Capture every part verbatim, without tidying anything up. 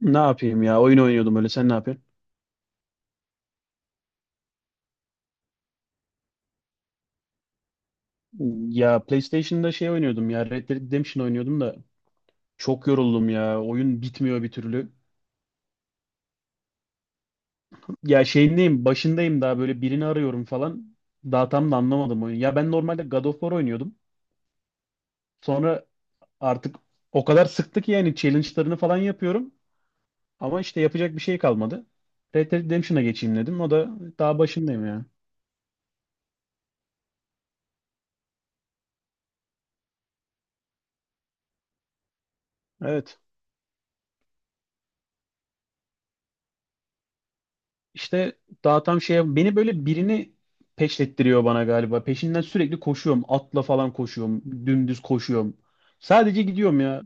Ne yapayım ya? Oyun oynuyordum öyle. Sen ne yapıyorsun? Ya PlayStation'da şey oynuyordum ya. Red Dead Redemption oynuyordum da çok yoruldum ya. Oyun bitmiyor bir türlü. Ya şeyindeyim, başındayım daha böyle birini arıyorum falan. Daha tam da anlamadım oyunu. Ya ben normalde God of War oynuyordum. Sonra artık o kadar sıktı ki yani challenge'larını falan yapıyorum. Ama işte yapacak bir şey kalmadı. Red Dead Redemption'a geçeyim dedim. O da daha başındayım ya. Evet. İşte daha tam şey beni böyle birini peşlettiriyor bana galiba. Peşinden sürekli koşuyorum. Atla falan koşuyorum. Dümdüz koşuyorum. Sadece gidiyorum ya.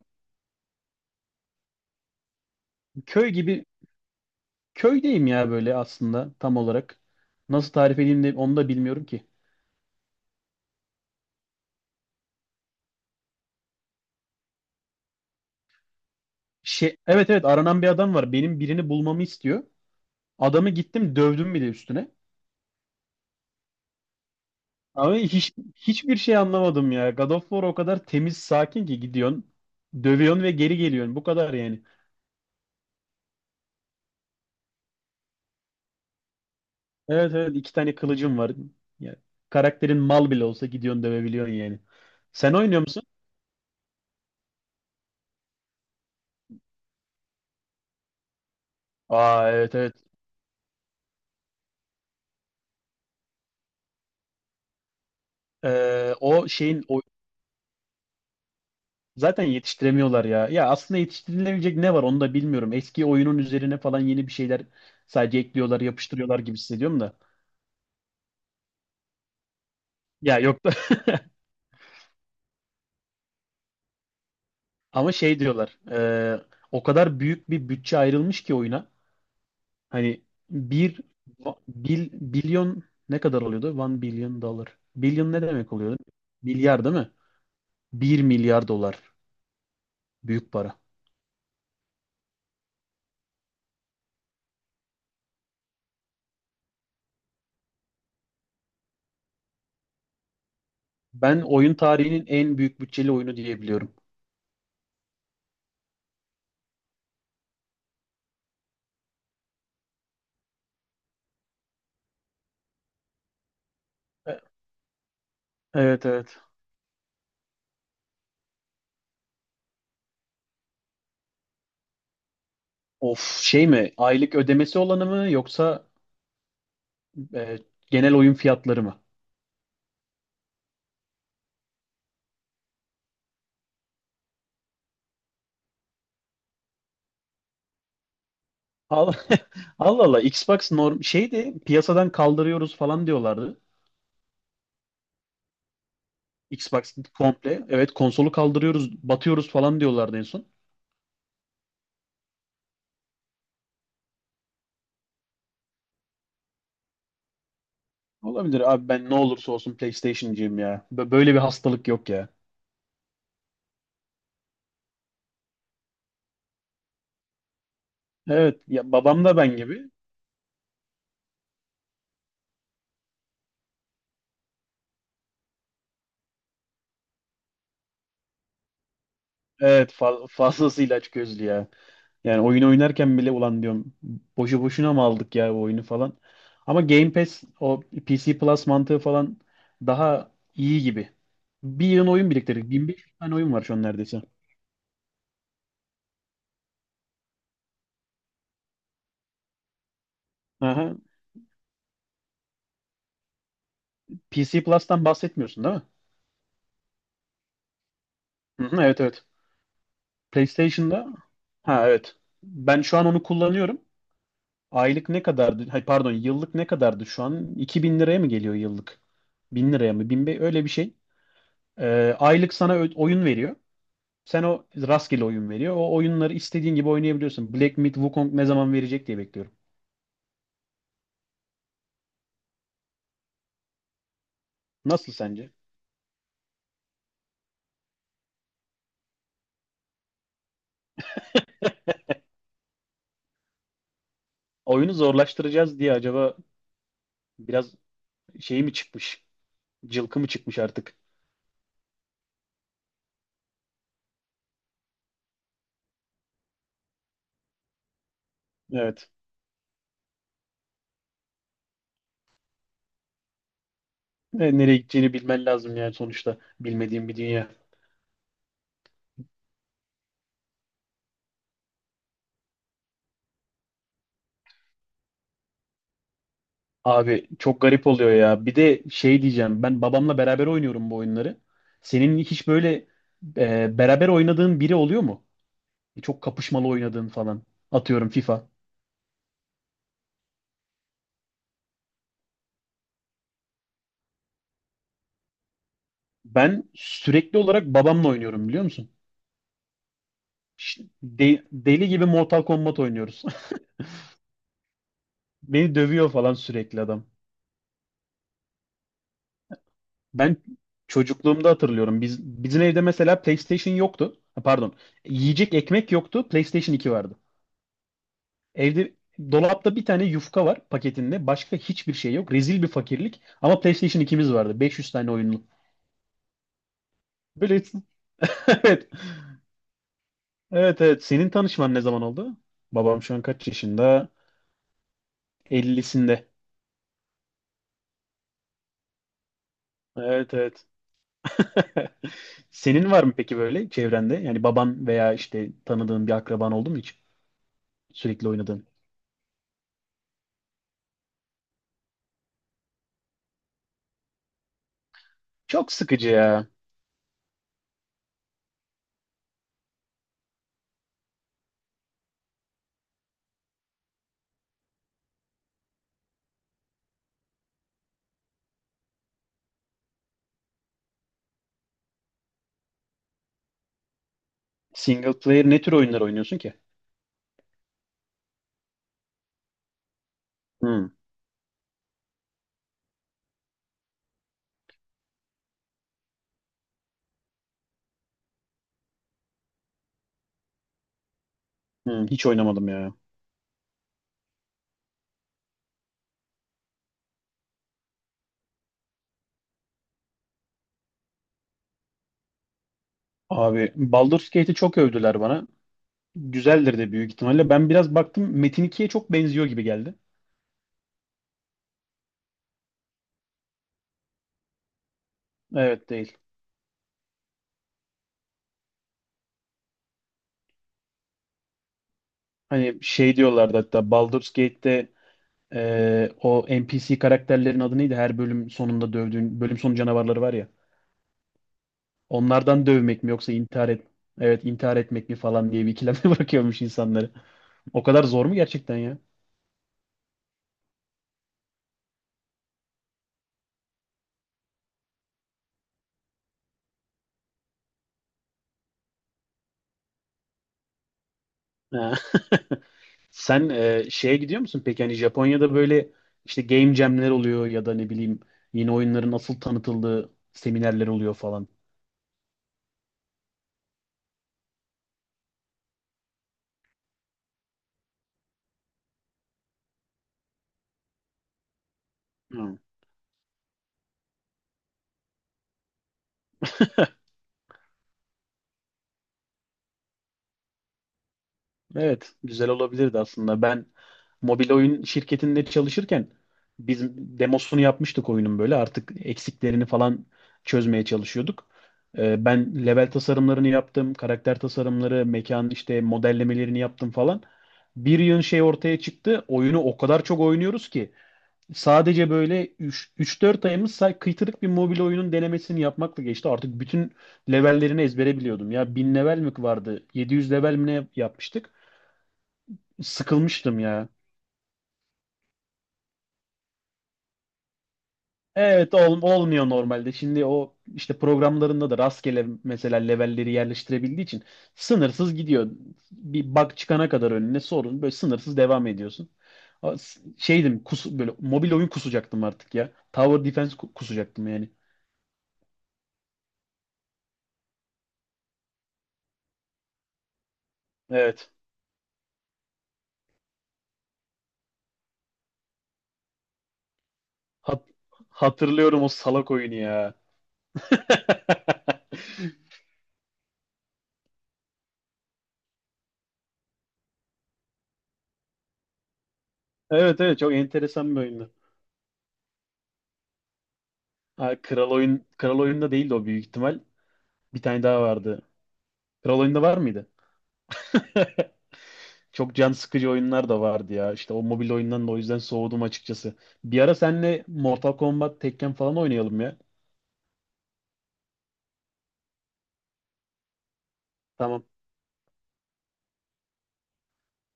Köy gibi köydeyim ya böyle aslında tam olarak. Nasıl tarif edeyim de onu da bilmiyorum ki. Şey, evet evet aranan bir adam var. Benim birini bulmamı istiyor. Adamı gittim dövdüm bile üstüne. Ama hiç hiçbir şey anlamadım ya. God of War o kadar temiz sakin ki gidiyorsun. Dövüyorsun ve geri geliyorsun. Bu kadar yani. Evet evet iki tane kılıcım var. Yani karakterin mal bile olsa gidiyorsun dövebiliyorsun yani. Sen oynuyor musun? Aa evet evet. Ee, o şeyin o Zaten yetiştiremiyorlar ya. Ya aslında yetiştirilebilecek ne var onu da bilmiyorum. Eski oyunun üzerine falan yeni bir şeyler sadece ekliyorlar, yapıştırıyorlar gibi hissediyorum da. Ya yok da ama şey diyorlar. Ee, o kadar büyük bir bütçe ayrılmış ki oyuna. Hani bir bil, bilyon ne kadar oluyordu? One billion dollar. Billion ne demek oluyordu? Milyar değil mi? Bir milyar dolar. Büyük para. Ben oyun tarihinin en büyük bütçeli oyunu diyebiliyorum. E- Evet evet. Of şey mi? Aylık ödemesi olanı mı yoksa e, genel oyun fiyatları mı? Al- Allah Allah. Xbox norm şeydi piyasadan kaldırıyoruz falan diyorlardı. Xbox komple. Evet konsolu kaldırıyoruz, batıyoruz falan diyorlardı en son. Olabilir abi ben ne olursa olsun PlayStation'cıyım ya. Bö- Böyle bir hastalık yok ya. Evet ya babam da ben gibi. Evet fa- fazlasıyla açgözlü ya. Yani oyun oynarken bile ulan diyorum boşu boşuna mı aldık ya bu oyunu falan. Ama Game Pass o P C Plus mantığı falan daha iyi gibi. Bir yığın oyun biriktirdik. bin beş yüz tane oyun var şu an neredeyse. Aha. P C Plus'tan bahsetmiyorsun değil mi? Hı hı, evet evet. PlayStation'da ha evet. Ben şu an onu kullanıyorum. Aylık ne kadardı? Hay pardon yıllık ne kadardı şu an? iki bin liraya mı geliyor yıllık? Bin liraya mı? Bin be- öyle bir şey. Ee, aylık sana ö- oyun veriyor. Sen o rastgele oyun veriyor. O oyunları istediğin gibi oynayabiliyorsun. Black Myth Wukong ne zaman verecek diye bekliyorum. Nasıl sence? Oyunu zorlaştıracağız diye acaba biraz şey mi çıkmış? Cılkı mı çıkmış artık? Evet. Ne- nereye gideceğini bilmen lazım yani sonuçta. Bilmediğim bir dünya. Abi çok garip oluyor ya. Bir de şey diyeceğim. Ben babamla beraber oynuyorum bu oyunları. Senin hiç böyle e, beraber oynadığın biri oluyor mu? Çok kapışmalı oynadığın falan. Atıyorum FIFA. Ben sürekli olarak babamla oynuyorum biliyor musun? Ş- de- deli gibi Mortal Kombat oynuyoruz. Beni dövüyor falan sürekli adam. Ben çocukluğumda hatırlıyorum. Biz, bizim evde mesela PlayStation yoktu. Ha, pardon. Yiyecek ekmek yoktu. PlayStation iki vardı. Evde dolapta bir tane yufka var paketinde. Başka hiçbir şey yok. Rezil bir fakirlik. Ama PlayStation ikimiz vardı. beş yüz tane oyunlu. Böyle evet. Evet evet. Senin tanışman ne zaman oldu? Babam şu an kaç yaşında? ellisinde. Evet evet. Senin var mı peki böyle çevrende? Yani baban veya işte tanıdığın bir akraban oldu mu hiç? Sürekli oynadığın. Çok sıkıcı ya. Single player ne tür oyunlar oynuyorsun ki? Hmm, hmm, Hiç oynamadım ya. Abi Baldur's Gate'i çok övdüler bana. Güzeldir de büyük ihtimalle. Ben biraz baktım Metin ikiye çok benziyor gibi geldi. Evet değil. Hani şey diyorlardı hatta Baldur's Gate'te e, o N P C karakterlerin adı neydi? Her bölüm sonunda dövdüğün, bölüm sonu canavarları var ya. Onlardan dövmek mi yoksa intihar et evet intihar etmek mi falan diye bir ikileme bırakıyormuş insanları. O kadar zor mu gerçekten ya? Ha. Sen e, şeye gidiyor musun peki? Hani Japonya'da böyle işte game jam'ler oluyor ya da ne bileyim yeni oyunların asıl tanıtıldığı seminerler oluyor falan. Hı. Evet, güzel olabilirdi aslında. Ben mobil oyun şirketinde çalışırken biz demosunu yapmıştık oyunun böyle. Artık eksiklerini falan çözmeye çalışıyorduk. Ee, ben level tasarımlarını yaptım, karakter tasarımları, mekan işte modellemelerini yaptım falan. Bir yığın şey ortaya çıktı. Oyunu o kadar çok oynuyoruz ki sadece böyle üç dört ayımız say- kıytırık bir mobil oyunun denemesini yapmakla geçti. Artık bütün levellerini ezbere biliyordum. Ya bin level mi vardı? Yedi yüz level mi ne yapmıştık? Sıkılmıştım ya. Evet ol, olmuyor normalde. Şimdi o işte programlarında da rastgele mesela levelleri yerleştirebildiği için sınırsız gidiyor. Bir bug çıkana kadar önüne sorun böyle sınırsız devam ediyorsun. A- s- Şeydim kus, böyle mobil oyun kusacaktım artık ya. Tower Defense ku- kusacaktım yani. Evet. Hat- hatırlıyorum o salak oyunu ya. Evet evet çok enteresan bir oyundu. Ha, kral oyun kral oyunda değildi o büyük ihtimal. Bir tane daha vardı. Kral oyunda var mıydı? Çok can sıkıcı oyunlar da vardı ya. İşte o mobil oyundan da o yüzden soğudum açıkçası. Bir ara seninle Mortal Kombat, Tekken falan oynayalım ya. Tamam.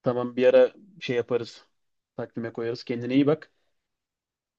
Tamam bir ara şey yaparız. Takvime koyarız. Kendine iyi bak.